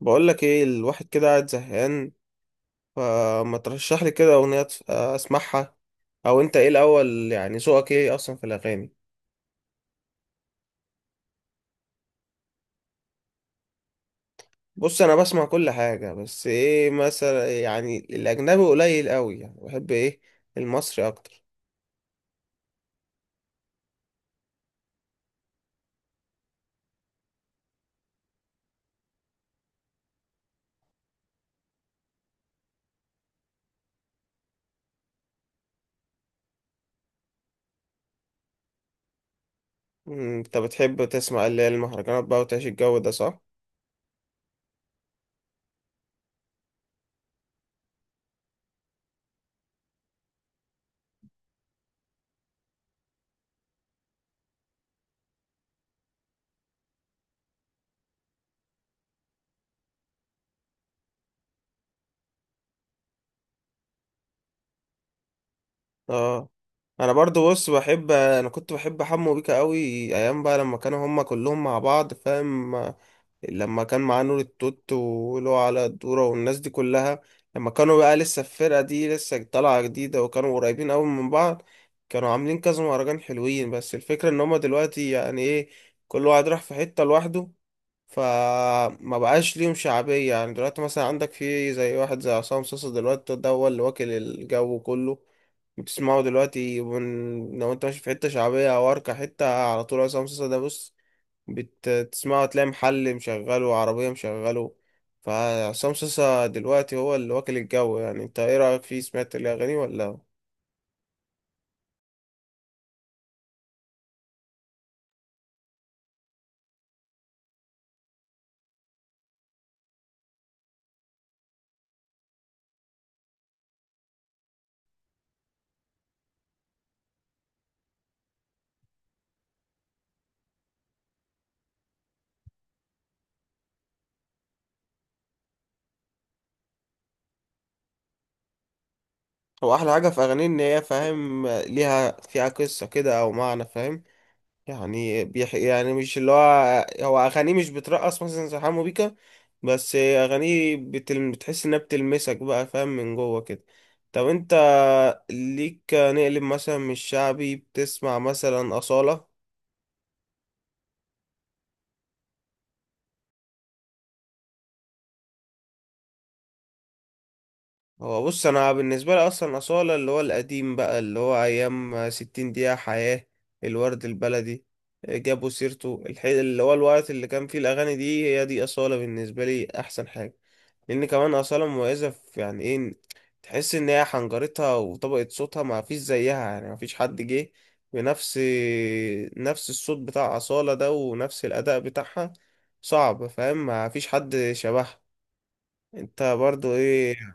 بقول لك ايه، الواحد كده قاعد زهقان، فما ترشح لي كده اغنيه اسمعها. او انت ايه الاول، يعني ذوقك ايه اصلا في الاغاني؟ بص، انا بسمع كل حاجه، بس ايه مثلا، يعني الاجنبي قليل قوي، يعني بحب ايه، المصري اكتر. انت بتحب تسمع اللي هي المهرجانات بقى وتعيش الجو ده، صح؟ اه. انا برضو بص بحب، انا كنت بحب حمو بيكا قوي ايام بقى، لما كانوا هما كلهم مع بعض، فاهم؟ لما كان معاه نور التوت ولو على الدورة والناس دي كلها، لما كانوا بقى لسه الفرقة دي لسه طالعة جديدة وكانوا قريبين أوي من بعض، كانوا عاملين كذا مهرجان حلوين. بس الفكرة إن هما دلوقتي يعني إيه، كل واحد راح في حتة لوحده، فما بقاش ليهم شعبية. يعني دلوقتي مثلا عندك في زي واحد زي عصام صاصا، دلوقتي ده هو اللي واكل الجو كله. بتسمعه دلوقتي، من لو انت ماشي في حتة شعبية أو أركة حتة، على طول عصام صاصا. ده بص، بتسمعه تلاقي محل مشغله وعربية مشغله. فعصام صاصا دلوقتي هو اللي واكل الجو. يعني انت ايه رأيك فيه، سمعت الأغاني ولا؟ هو أحلى حاجة في أغانيه إن هي، فاهم، ليها فيها قصة كده أو معنى، فاهم؟ يعني يعني مش اللي هو، هو أغانيه مش بترقص مثلا زي حمو بيكا، بس أغانيه بتحس إنها بتلمسك بقى، فاهم، من جوه كده. طب انت ليك نقلب مثلا من الشعبي، بتسمع مثلا أصالة؟ هو بص، انا بالنسبه لي اصلا اصاله اللي هو القديم بقى، اللي هو ايام 60 دقيقه حياه، الورد البلدي، جابوا سيرته اللي هو الوقت اللي كان فيه الاغاني دي، هي دي اصاله بالنسبه لي احسن حاجه. لان كمان اصاله مميزه في يعني ايه، تحس ان هي حنجرتها وطبقه صوتها ما فيش زيها، يعني ما فيش حد جه بنفس نفس الصوت بتاع اصاله ده ونفس الاداء بتاعها. صعب، فاهم، ما فيش حد شبهها. انت برضو ايه؟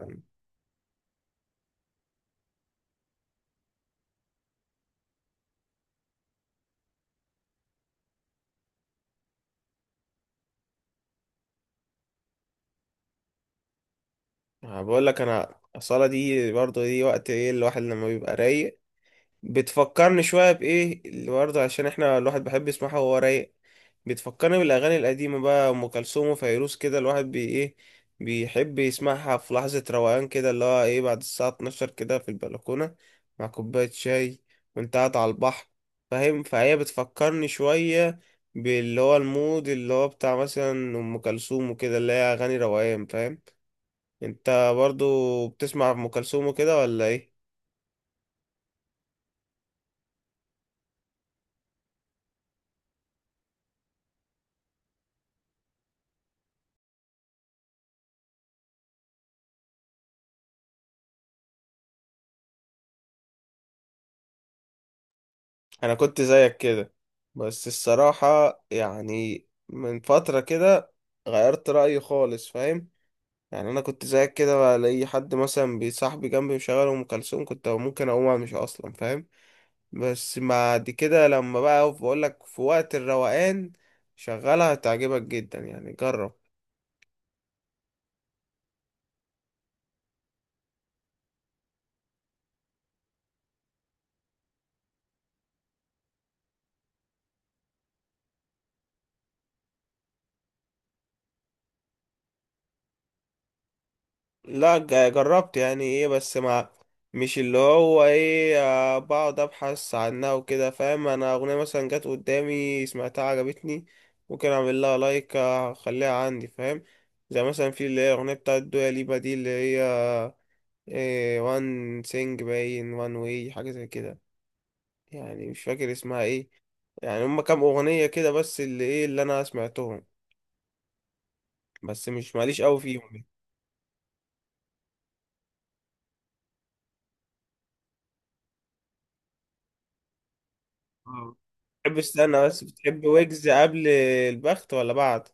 أنا بقول لك، انا الصلاة دي برضه دي وقت ايه، الواحد لما بيبقى رايق. بتفكرني شوية بايه اللي برضه، عشان احنا الواحد بيحب يسمعها وهو رايق، بتفكرني بالاغاني القديمة بقى، ام كلثوم وفيروز كده، الواحد بي ايه، بيحب يسمعها في لحظة روقان كده، اللي هو ايه، بعد الساعة 12 كده، في البلكونة مع كوباية شاي وانت قاعد على البحر، فاهم؟ فهي بتفكرني شوية باللي هو المود اللي هو بتاع مثلا ام كلثوم وكده، اللي هي اغاني روقان، فاهم؟ انت برضو بتسمع ام كلثوم وكده ولا ايه؟ انا كنت زيك كده، بس الصراحة يعني من فترة كده غيرت رأيي خالص، فاهم؟ يعني انا كنت زيك كده، الاقي حد مثلا بصاحبي جنبي مشغل ام كلثوم، كنت ممكن اقوم امشي اصلا، فاهم. بس بعد كده لما بقى، بقول لك في وقت الروقان شغلها هتعجبك جدا، يعني جرب. لا، جربت يعني ايه، بس مع مش اللي هو ايه، بقعد ابحث عنها وكده، فاهم. انا اغنية مثلا جت قدامي سمعتها عجبتني، ممكن اعمل لها لايك، اخليها عندي، فاهم. زي مثلا في اللي هي اغنية بتاعت دويا ليبا دي، اللي هي إيه، وان سينج باين وان واي، حاجة زي كده، يعني مش فاكر اسمها ايه. يعني هما كام اغنية كده بس اللي ايه اللي انا سمعتهم، بس مش ماليش قوي فيهم. اه. بتحب، استنى بس، بتحب ويجز قبل البخت ولا بعد؟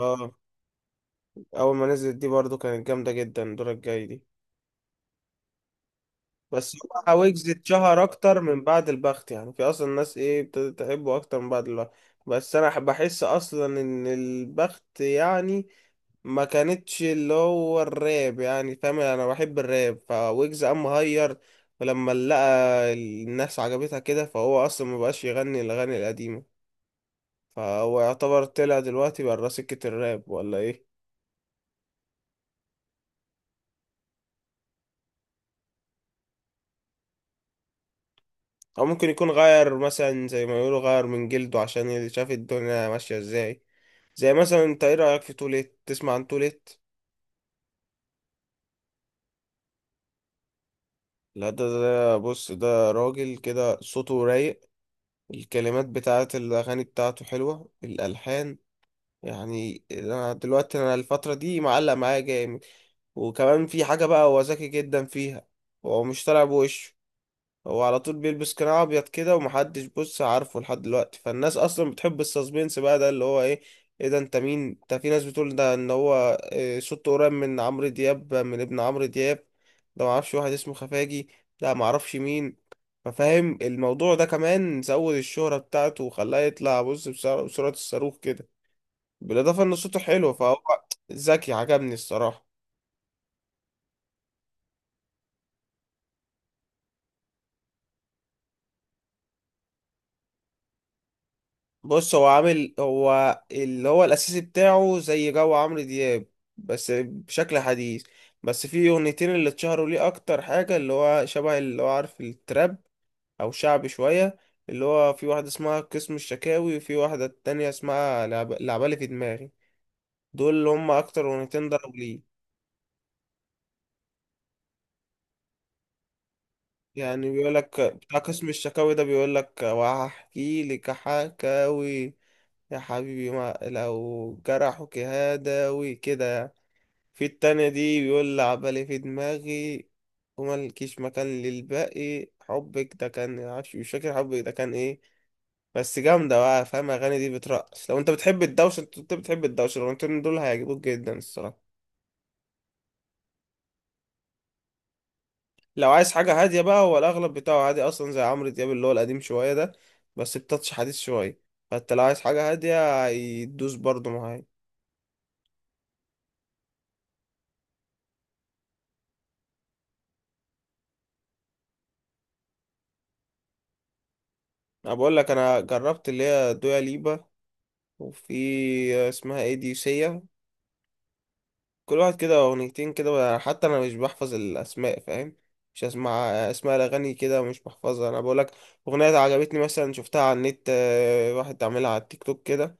اه، اول ما نزلت دي برضو كانت جامده جدا، الدور الجاي دي. بس هو ويجز اتشهر اكتر من بعد البخت، يعني في اصلا ناس ايه ابتدت تحبه اكتر من بعد البخت. بس انا بحس اصلا ان البخت يعني ما كانتش اللي هو الراب، يعني فاهم انا بحب الراب، فويجز قام مهير، ولما لقى الناس عجبتها كده فهو اصلا ما بقاش يغني الاغاني القديمه. فهو يعتبر طلع دلوقتي برا سكة الراب، ولا ايه؟ او ممكن يكون غير، مثلا زي ما يقولوا غير من جلده، عشان شاف الدنيا ماشية ازاي. زي مثلا، انت ايه رأيك في توليت، تسمع عن توليت؟ لا، ده بص، ده راجل كده صوته رايق، الكلمات بتاعت الاغاني بتاعته حلوة، الالحان، يعني انا دلوقتي انا الفترة دي معلق معايا جامد. وكمان في حاجة بقى هو ذكي جدا فيها، هو مش طالع بوشه، هو على طول بيلبس قناع ابيض كده، ومحدش بص عارفه لحد دلوقتي. فالناس اصلا بتحب السسبنس بقى، ده اللي هو ايه، ايه ده، انت مين انت؟ في ناس بتقول ده ان هو إيه، صوته قريب من عمرو دياب، من ابن عمرو دياب. ده معرفش واحد اسمه خفاجي، ده معرفش مين. ففاهم الموضوع ده كمان زود الشهرة بتاعته وخلاه يطلع بص بسرعة بسرعة الصاروخ كده. بالاضافة ان صوته حلو، فهو ذكي، عجبني الصراحة. بص هو عامل، هو اللي هو الأساسي بتاعه زي جو عمرو دياب، بس بشكل حديث. بس في أغنيتين اللي اتشهروا ليه أكتر حاجة، اللي هو شبه اللي هو عارف التراب، أو شعبي شوية، اللي هو في واحدة اسمها قسم الشكاوي، وفي واحدة تانية اسمها لعبالي في دماغي. دول اللي هم أكتر أغنيتين ضربوا ليه. يعني بيقولك بتاع قسم الشكاوي ده بيقولك وهحكي لك حكاوي يا حبيبي، ما لو جرحك هداوي كده يعني. في التانية دي بيقول لعبالي في دماغي وملكيش مكان للباقي، حبك ده كان معرفش، مش فاكر حبك ده كان ايه. بس جامدة بقى، فاهم، الأغاني دي بترقص. لو انت بتحب الدوشة، انت أنت بتحب الدوشة، الأغنيتين دول هيعجبوك جدا الصراحة. لو عايز حاجة هادية بقى، هو الأغلب بتاعه عادي أصلا زي عمرو دياب اللي هو القديم شوية ده، بس بتاتش حديث شوية، فانت لو عايز حاجة هادية هيدوس برضه معايا. أنا بقول لك، أنا جربت اللي هي دويا ليبا، وفي اسمها ايه دي، سيا. كل واحد كده اغنيتين كده، حتى انا مش بحفظ الاسماء، فاهم، مش اسمع اسماء الاغاني كده ومش بحفظها، انا بقولك اغنيه عجبتني مثلا شفتها على النت، واحد عاملها على التيك توك كده،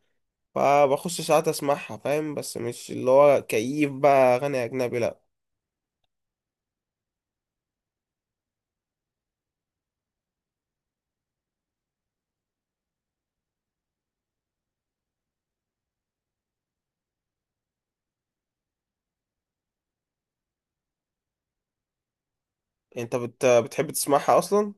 فبخش ساعات اسمعها، فاهم، بس مش اللي هو كيف بقى اغاني اجنبي، لا. انت بتحب تسمعها اصلا؟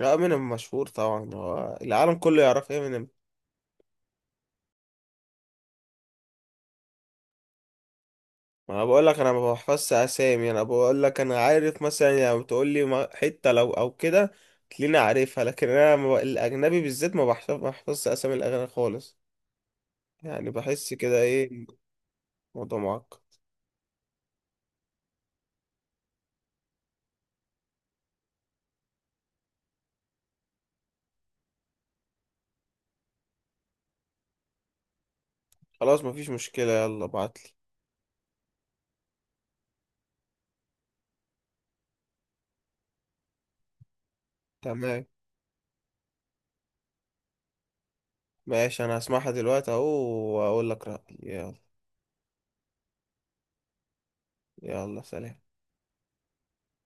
لا، امينيم مشهور طبعا، هو العالم كله يعرف امينيم. ما انا بقول لك انا ما بحفظش اسامي، انا بقول لك انا عارف مثلا، يعني بتقول لي حته لو او كده تلاقيني عارفها، لكن انا ما بق- الاجنبي بالذات ما بحفظ، ما بحفظش اسامي الاغاني خالص، يعني بحس كده ايه، الموضوع معقد. خلاص، مفيش مشكله، يلا ابعتلي. تمام، ماشي، انا هسمعها دلوقتي اهو واقول لك رايي، يلا. يلا سلام.